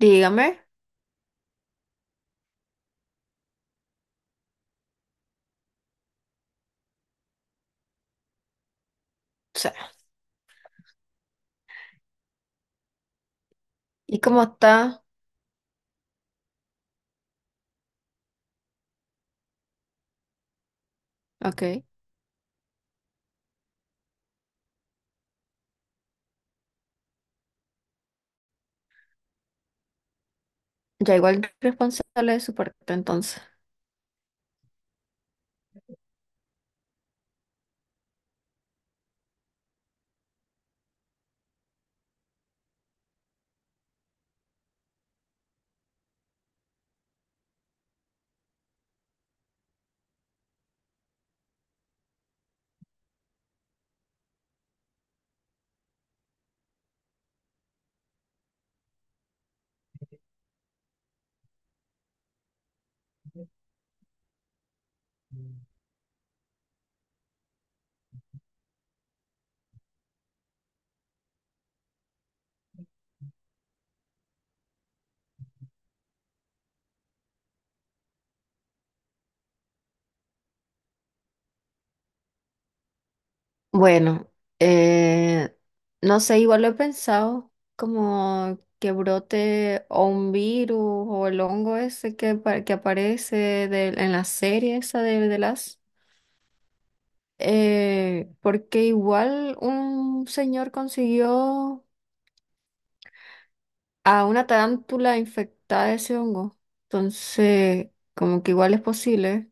Dígame. O sea, ¿y cómo está? Ok, ya igual responsable de su parte entonces. Bueno, eh, no sé, igual lo he pensado, como que brote o un virus o el hongo ese que, pa- que aparece del- en la serie esa de las... porque igual un señor consiguió a una tarántula infectada de ese hongo, entonces como que igual es posible.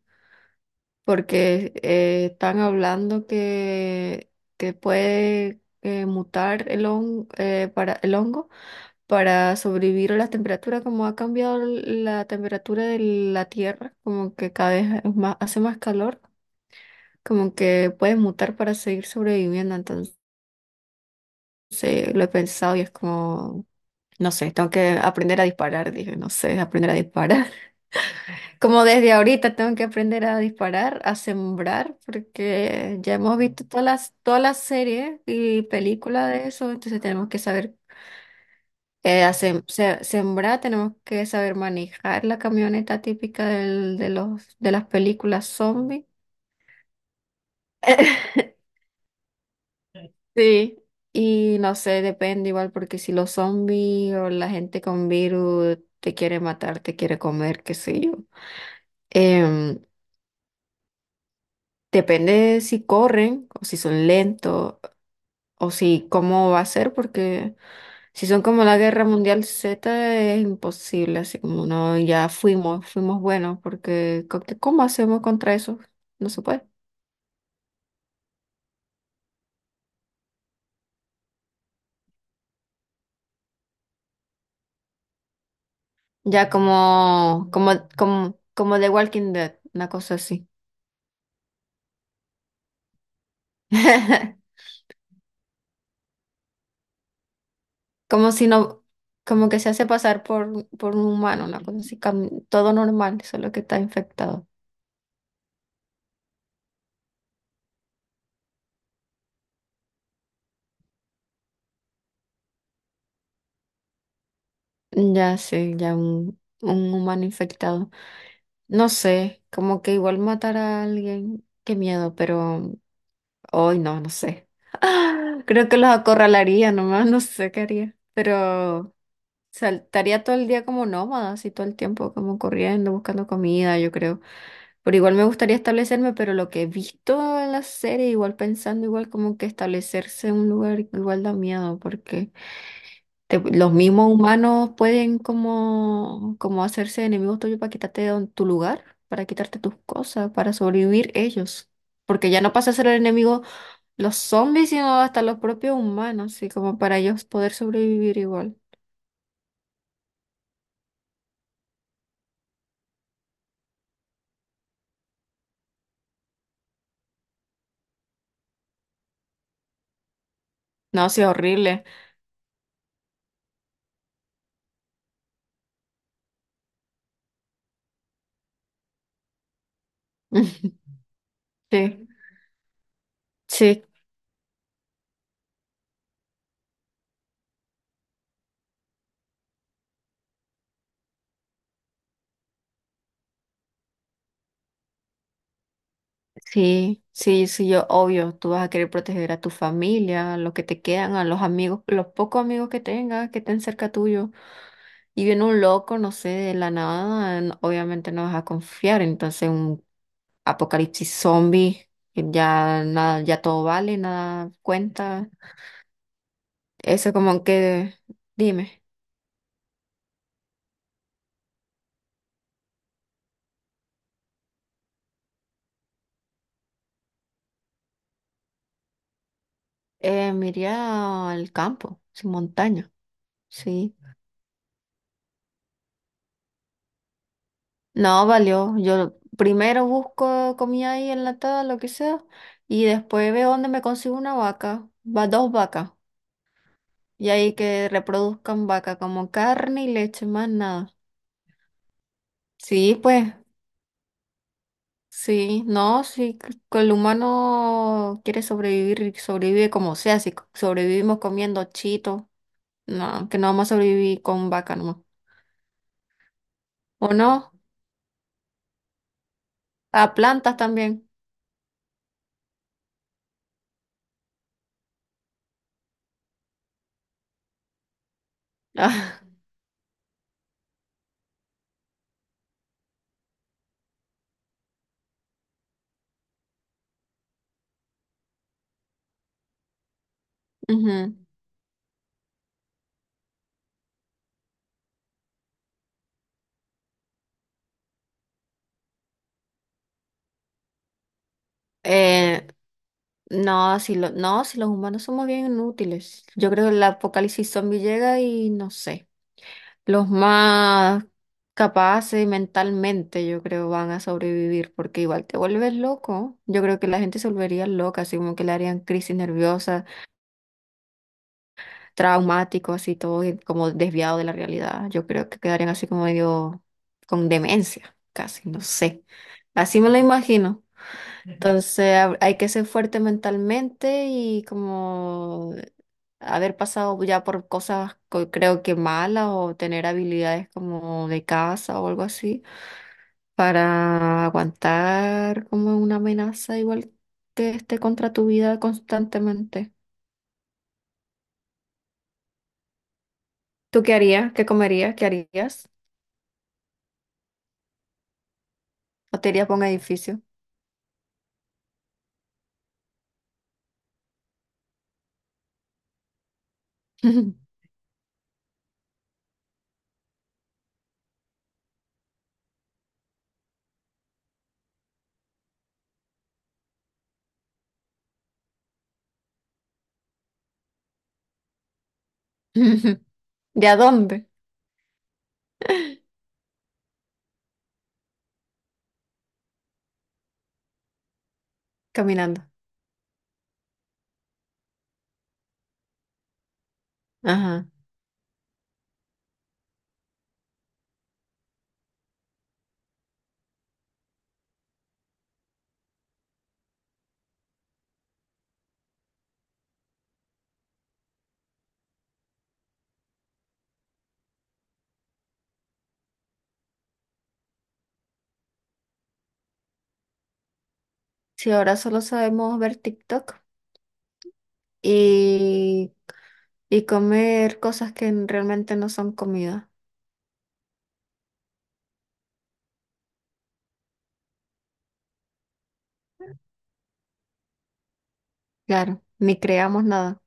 Porque están hablando que puede mutar el, hon- para, el hongo para sobrevivir a las temperaturas, como ha cambiado la temperatura de la Tierra, como que cada vez es más, hace más calor, como que puede mutar para seguir sobreviviendo. Entonces lo he pensado y es como, no sé, tengo que aprender a disparar, dije, no sé, aprender a disparar. Como desde ahorita tengo que aprender a disparar, a sembrar, porque ya hemos visto todas las series y películas de eso, entonces tenemos que saber hacer- se- sembrar, tenemos que saber manejar la camioneta típica del- de los, de las películas zombie. Sí, y no sé, depende igual, porque si los zombies o la gente con virus te quiere matar, te quiere comer, qué sé yo. Em, Depende de si corren o si son lentos. O si, ¿cómo va a ser? Porque si son como la Guerra Mundial Z es imposible, así como no, ya fuimos, fuimos buenos, porque co- que- ¿cómo hacemos contra eso? No se puede. Ya como The Walking Dead, una cosa así. Como si no, como que se hace pasar por un humano, una cosa así, cam- todo normal, solo que está infectado. Ya sí, ya un humano infectado. No sé, como que igual matar a alguien, qué miedo, pero hoy no, no sé. Creo que los acorralaría nomás, no sé qué haría, pero saltaría todo el día como nómada, así todo el tiempo, como corriendo, buscando comida, yo creo. Pero igual me gustaría establecerme, pero lo que he visto en la serie, igual pensando, igual como que establecerse en un lugar igual da miedo, porque te- los mismos humanos pueden como, como hacerse enemigos tuyos para quitarte de don- tu lugar, para quitarte tus cosas, para sobrevivir ellos. Porque ya no pasa a ser el enemigo los zombies, sino hasta los propios humanos, así como para ellos poder sobrevivir igual. No, sí, horrible. Sí, sí, sí, sí, sí, yo, obvio, tú vas a querer proteger a tu familia, a los que te quedan, a los amigos, los pocos amigos que tengas, que estén cerca tuyo. Y viene un loco, no sé, de la nada, n- obviamente no vas a confiar. Entonces, un apocalipsis zombie, que ya nada, ya todo vale, nada cuenta. Eso como que, dime, me iría al campo, sin montaña, sí. No, valió. Yo primero busco comida ahí enlatada, lo que sea, y después veo dónde me consigo una vaca, va dos vacas, y ahí que reproduzcan vaca como carne y leche, más nada. Sí, pues. Sí, no, sí, c- que el humano quiere sobrevivir y sobrevive como sea, si c- sobrevivimos comiendo chito, no, que no vamos a sobrevivir con vaca nomás. ¿O no? A plantas también. Ujú. Eh, no, si los humanos somos bien inútiles. Yo creo que el apocalipsis zombie llega y no sé. Los más capaces mentalmente, yo creo, van a sobrevivir porque igual te vuelves loco. Yo creo que la gente se volvería loca, así como que le harían crisis nerviosas, traumático, así todo y como desviado de la realidad. Yo creo que quedarían así como medio con demencia, casi, no sé. Así me lo imagino. Entonces hab- hay que ser fuerte mentalmente y como haber pasado ya por cosas co- creo que malas o tener habilidades como de caza o algo así para aguantar como una amenaza igual que esté contra tu vida constantemente. ¿Tú qué harías? ¿Qué comerías? ¿Qué harías? ¿O te irías por un edificio? ¿De a dónde? Caminando. Ajá. Si ahora solo sabemos ver TikTok y, y comer cosas que realmente no son comida. Claro, ni creamos nada.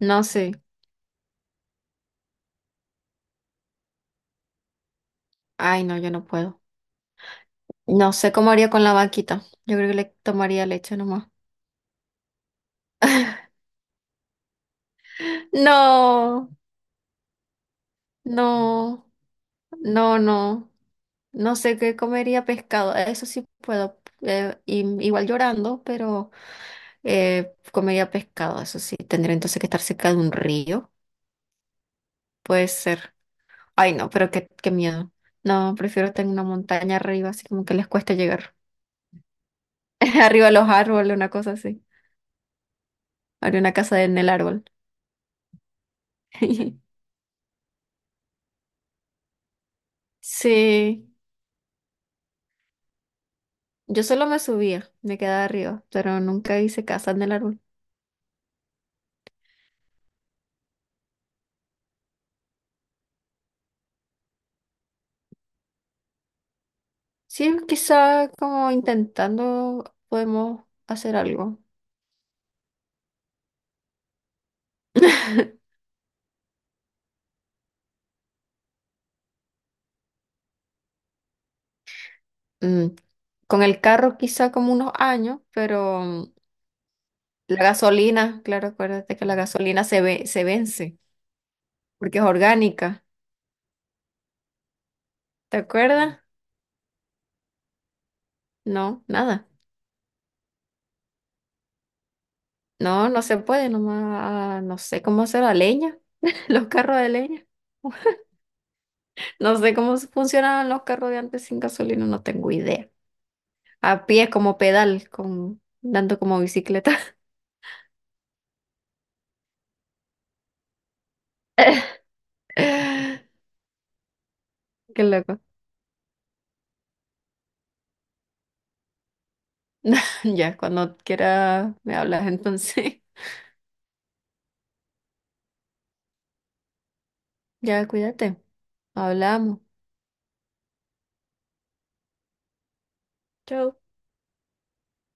No sé. Ay, no, yo no puedo. No sé cómo haría con la vaquita. Yo creo que le tomaría leche nomás. No, no, no, no. No sé qué comería pescado. Eso sí puedo. Y- igual llorando, pero comería pescado. Eso sí. Tendría entonces que estar cerca de un río. Puede ser. Ay, no, pero qué, qué miedo. No, prefiero estar en una montaña arriba, así como que les cuesta llegar. Arriba de los árboles, una cosa así. Haría una casa en el árbol. Sí. Yo solo me subía, me quedaba arriba, pero nunca hice casa en el árbol. Sí, quizá como intentando podemos hacer algo. Mm, con el carro quizá como unos años, pero mm, la gasolina, claro, acuérdate que la gasolina se ve, se vence porque es orgánica. ¿Te acuerdas? No, nada. No, no se puede, nomás ah, no sé cómo hacer la leña, los carros de leña. No sé cómo funcionaban los carros de antes sin gasolina, no tengo idea. A pie como pedal, con, dando como bicicleta. Qué loco. Ya, cuando quiera me hablas entonces. Ya, cuídate. Hablamos. Chau.